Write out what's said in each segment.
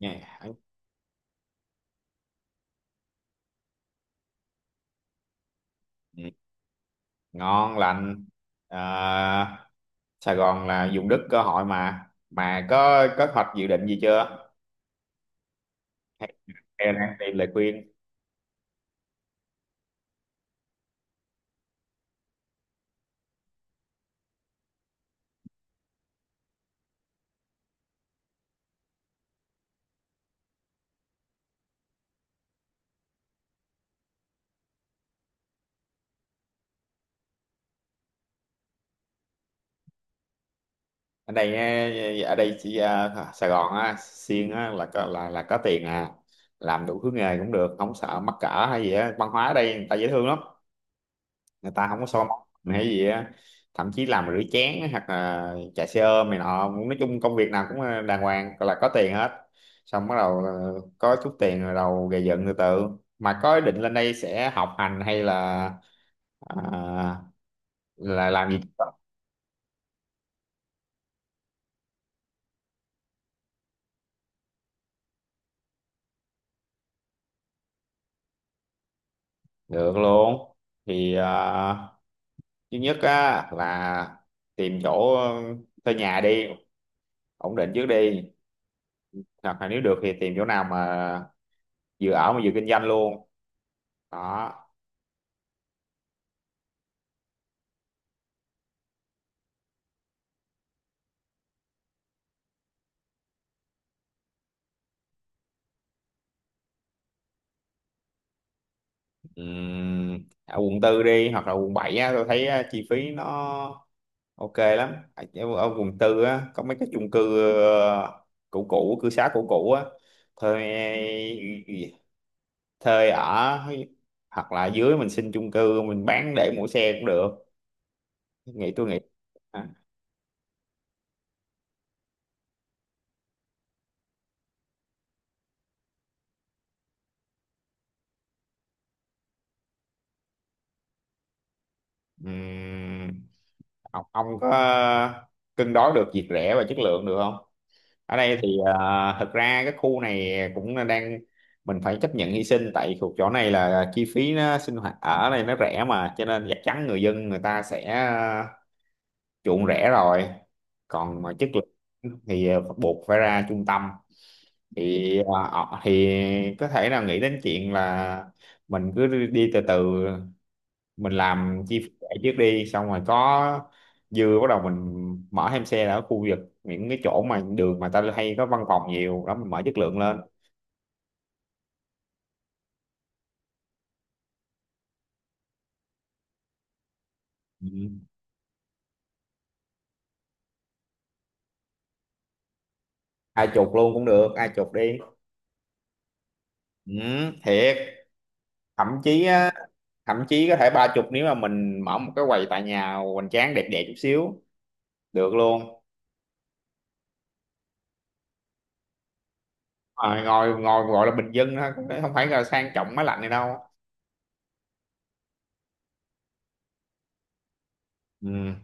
Nghe hẳn. Ừ, ngon lành à, Sài Gòn là vùng đất cơ hội, mà có hoạch dự định gì chưa, hay hay đang tìm lời khuyên? Ở đây chỉ Sài Gòn á, Xiên á, là có, là có tiền à. Làm đủ thứ nghề cũng được, không sợ mắc cỡ hay gì á. Văn hóa ở đây người ta dễ thương lắm, người ta không có so móc mình hay gì á. Thậm chí làm rửa chén hoặc là chạy xe ôm này nọ, nói chung công việc nào cũng đàng hoàng, gọi là có tiền hết. Xong bắt đầu có chút tiền rồi đầu gầy dựng từ từ. Mà có ý định lên đây sẽ học hành hay là ờ, là làm gì? Được luôn. Thì thứ nhất á là tìm chỗ thuê nhà đi, ổn định trước đi, hoặc là nếu được thì tìm chỗ nào mà vừa ở mà vừa kinh doanh luôn đó. Ở quận tư đi hoặc là quận 7 á, tôi thấy á, chi phí nó ok lắm. Ở, ở quận tư á có mấy cái chung cư cũ cũ, cư xá cũ cũ á. Thuê, ừ, thuê ở, hoặc là dưới mình xin chung cư mình bán để mua xe cũng được. Tôi nghĩ à, ừm, ông có cân đối được việc rẻ và chất lượng được không? Ở đây thì thực ra cái khu này cũng là đang, mình phải chấp nhận hy sinh tại thuộc chỗ này là chi phí nó sinh hoạt ở đây nó rẻ, mà cho nên chắc chắn người dân người ta sẽ uh, chuộng rẻ rồi. Còn mà chất lượng thì buộc phải ra trung tâm. Thì thì có thể là nghĩ đến chuyện là mình cứ đi từ từ, mình làm chi phí lẻ trước đi, xong rồi có dư bắt đầu mình mở thêm xe ở khu vực những cái chỗ mà đường mà ta hay có văn phòng nhiều đó, mình mở chất lượng lên. Ừ. Ai chục luôn cũng được, ai chục đi. Ừ, thiệt. Thậm chí á, thậm chí có thể ba chục nếu mà mình mở một cái quầy tại nhà hoành tráng, đẹp đẹp chút xíu, được luôn. À, ngồi ngồi gọi là bình dân thôi, cũng không phải là sang trọng máy lạnh này đâu. Ừ.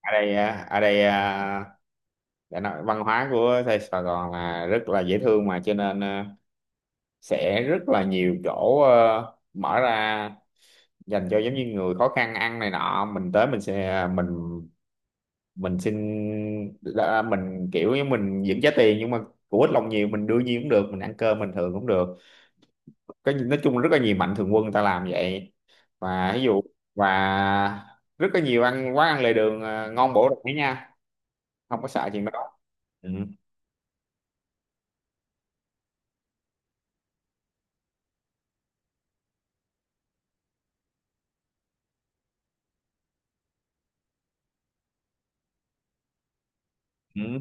Ở đây, để nói, văn hóa của Sài Sài Gòn là rất là dễ thương, mà cho nên sẽ rất là nhiều chỗ mở ra dành cho giống như người khó khăn ăn này nọ, mình tới mình sẽ mình xin, là mình kiểu như mình vẫn trả tiền nhưng mà của ít lòng nhiều, mình đưa nhiêu cũng được, mình ăn cơm bình thường cũng được. Cái nói chung là rất là nhiều mạnh thường quân người ta làm vậy. Và ví dụ và rất là nhiều ăn quán ăn lề đường ngon bổ rẻ nha. Không có sợ chuyện đó. Ừ. Ừ,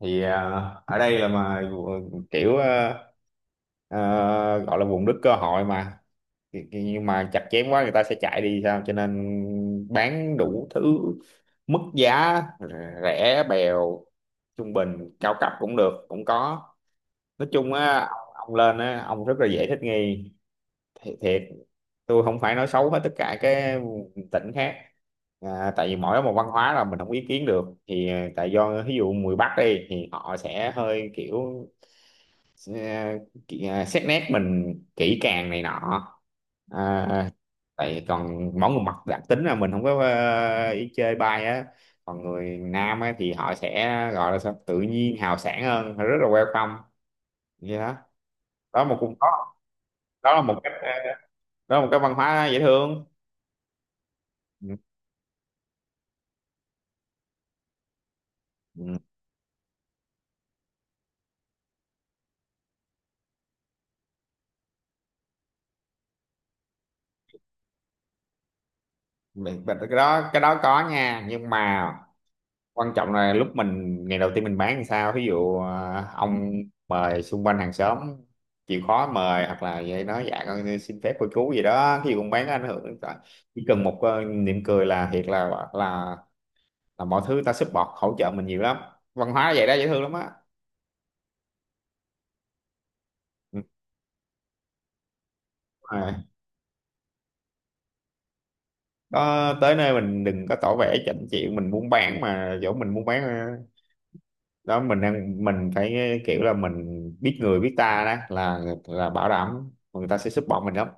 thì ở đây là mà kiểu à, gọi là vùng đất cơ hội mà. Thì nhưng mà chặt chém quá người ta sẽ chạy đi sao, cho nên bán đủ thứ mức giá, rẻ bèo, trung bình, cao cấp cũng được, cũng có. Nói chung á ông lên á, ông rất là dễ thích nghi. Thiệt, tôi không phải nói xấu hết tất cả cái tỉnh khác tại vì mỗi một văn hóa là mình không ý kiến được, thì tại do ví dụ người Bắc đi thì họ sẽ hơi kiểu à, xét nét mình kỹ càng này nọ, à, tại còn mỗi người mặt đặc tính là mình không có ý chơi bay á. Còn người Nam á, thì họ sẽ gọi là sao, tự nhiên hào sảng hơn, rất là welcome như đó. Đó là một, cũng có, đó là một cách đó là một cái văn hóa dễ thương. Ừ. Ừ, vậy cái đó có nha, nhưng mà quan trọng là lúc mình ngày đầu tiên mình bán thì sao, ví dụ ông mời xung quanh hàng xóm, chịu khó mời, hoặc là vậy nói dạ con xin phép cô chú gì đó, ví dụ con bán có ảnh hưởng đến cả-, chỉ cần một niệm cười là thiệt, là là mọi thứ ta support hỗ trợ mình nhiều lắm. Văn hóa vậy đó, dễ thương lắm á. Ừ, đúng. Đó, tới nơi mình đừng có tỏ vẻ chảnh chịu, mình muốn bán mà, dẫu mình muốn bán đó, mình đang mình phải kiểu là mình biết người biết ta, đó là bảo đảm người ta sẽ support mình lắm.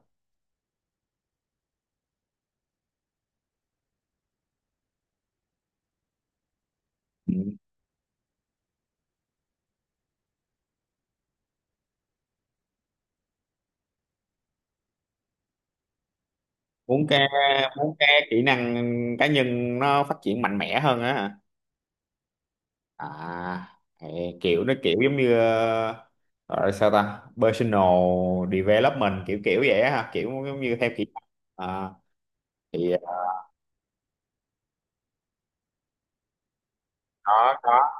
Ừ. muốn cái muốn cái kỹ năng cá nhân nó phát triển mạnh mẽ hơn á hả? À, ê, kiểu nó kiểu giống như gọi là sao ta, personal development, kiểu kiểu vậy á hả, kiểu giống như theo kỹ năng. à, thì đó,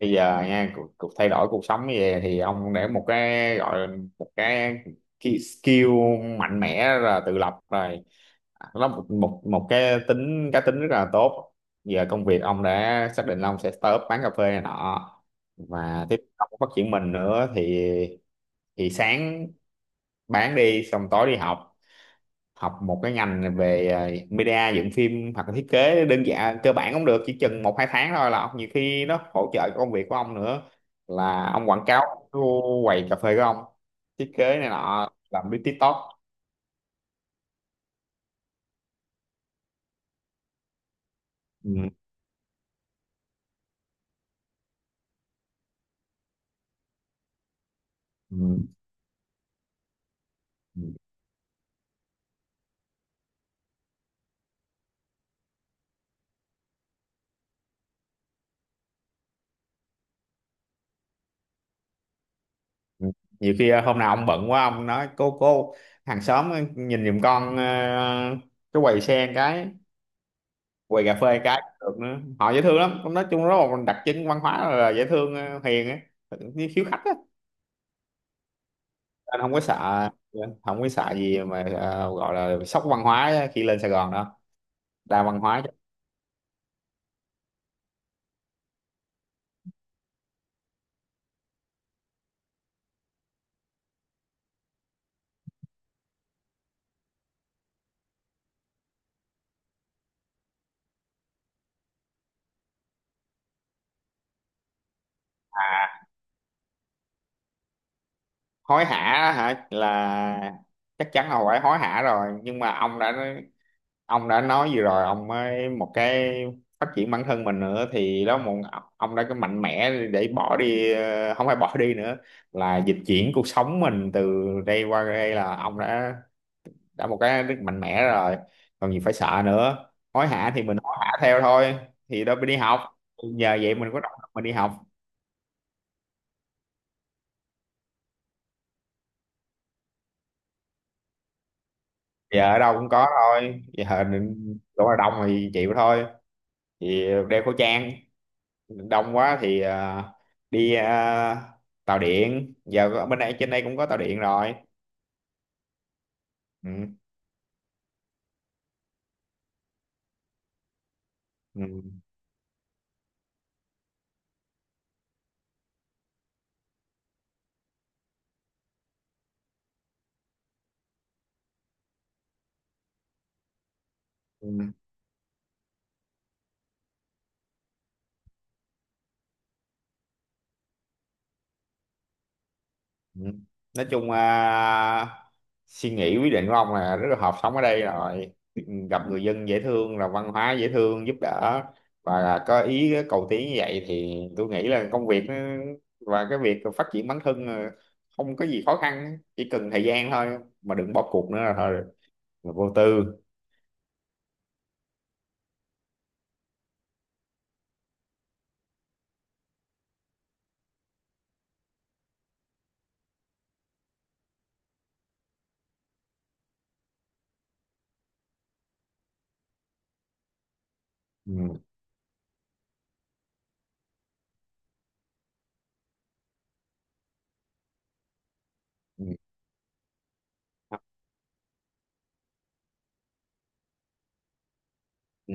bây giờ nha, cuộc thay đổi cuộc sống như vậy thì ông để một cái gọi là một cái skill mạnh mẽ là tự lập rồi, nó một một một cái tính, cá tính rất là tốt. Giờ công việc ông đã xác định là ông sẽ start up bán cà phê này nọ, và tiếp tục phát triển mình nữa, thì sáng bán đi, xong tối đi học, học một cái ngành về media dựng phim hoặc là thiết kế đơn giản cơ bản cũng được, chỉ chừng một hai tháng thôi, là ông nhiều khi nó hỗ trợ công việc của ông nữa, là ông quảng cáo cái quầy cà phê của ông, thiết kế này nọ làm biết TikTok. Ừ. Ừ. Ừ. Ừ. Nhiều khi hôm nào ông bận quá ông nói cô hàng xóm nhìn giùm con cái quầy sen, cái quầy cà phê cái cũng được nữa, họ dễ thương lắm. Nói chung rất là một đặc trưng văn hóa là dễ thương hiền á, khiếu khách á. Anh không có sợ, không có sợ gì mà gọi là sốc văn hóa khi lên Sài Gòn đó. Đa văn hóa chứ. Hối hả hả là chắc chắn là phải hối hả rồi, nhưng mà ông đã nói gì rồi, ông mới một cái phát triển bản thân mình nữa, thì đó một, ông đã cái mạnh mẽ để bỏ đi không phải bỏ đi nữa, là dịch chuyển cuộc sống mình từ đây qua đây, là ông đã một cái rất mạnh mẽ rồi, còn gì phải sợ nữa. Hối hả thì mình hối hả theo thôi, thì đâu mình đi học, nhờ vậy mình có động lực mình đi học. Giờ ở đâu cũng có thôi giờ, chỗ nào đông thì chịu thôi, thì đeo khẩu trang, đông quá thì đi tàu điện, giờ ở bên đây trên đây cũng có tàu điện rồi. Ừ, ừ, ừ, ừ. Nói chung suy nghĩ quyết định của ông là rất là hợp, sống ở đây rồi gặp người dân dễ thương, là văn hóa dễ thương giúp đỡ, và là có ý cầu tiến như vậy thì tôi nghĩ là và cái việc phát triển bản thân là không có gì khó khăn, chỉ cần thời gian thôi mà đừng bỏ cuộc nữa là thôi, là vô tư. Ừ. Ừ. Ừ,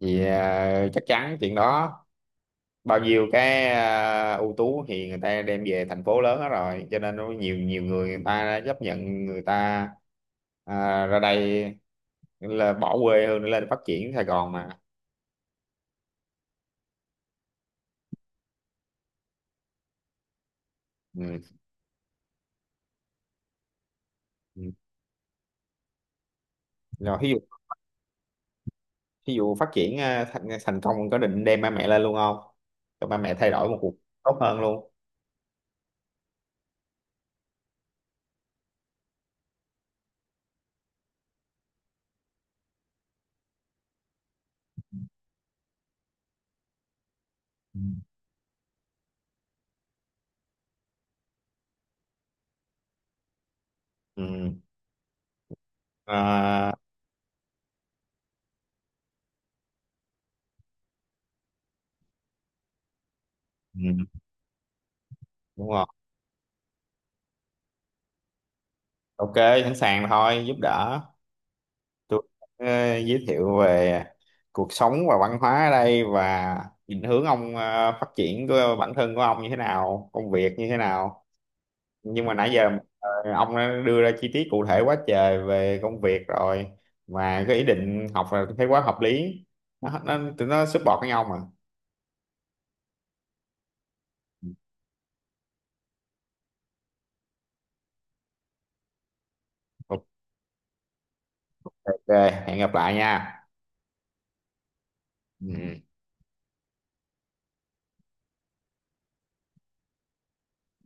thì chắc chắn chuyện đó, bao nhiêu cái ưu tú thì người ta đem về thành phố lớn hết rồi, cho nên nó nhiều, nhiều người người ta chấp nhận, người ta ra đây là bỏ quê hương để lên phát triển Sài Gòn mà. Ừ. Ừ. Rồi ví dụ, ví dụ phát triển thành công, có định đem ba mẹ lên luôn không, cho ba mẹ thay đổi một cuộc tốt hơn luôn. Ừ. Ừ. À, ừ. Đúng rồi, ok, sẵn sàng thôi, giúp đỡ. Tôi ờ, giới thiệu về cuộc sống và văn hóa ở đây, và định hướng ông phát triển của bản thân của ông như thế nào, công việc như thế nào, nhưng mà nãy giờ ờ, ông đã đưa ra chi tiết cụ thể quá trời về công việc rồi, mà cái ý định học là thấy quá hợp lý, nó tụi nó support với nhau mà. Ok, ok, hẹn gặp lại nha. Ừ.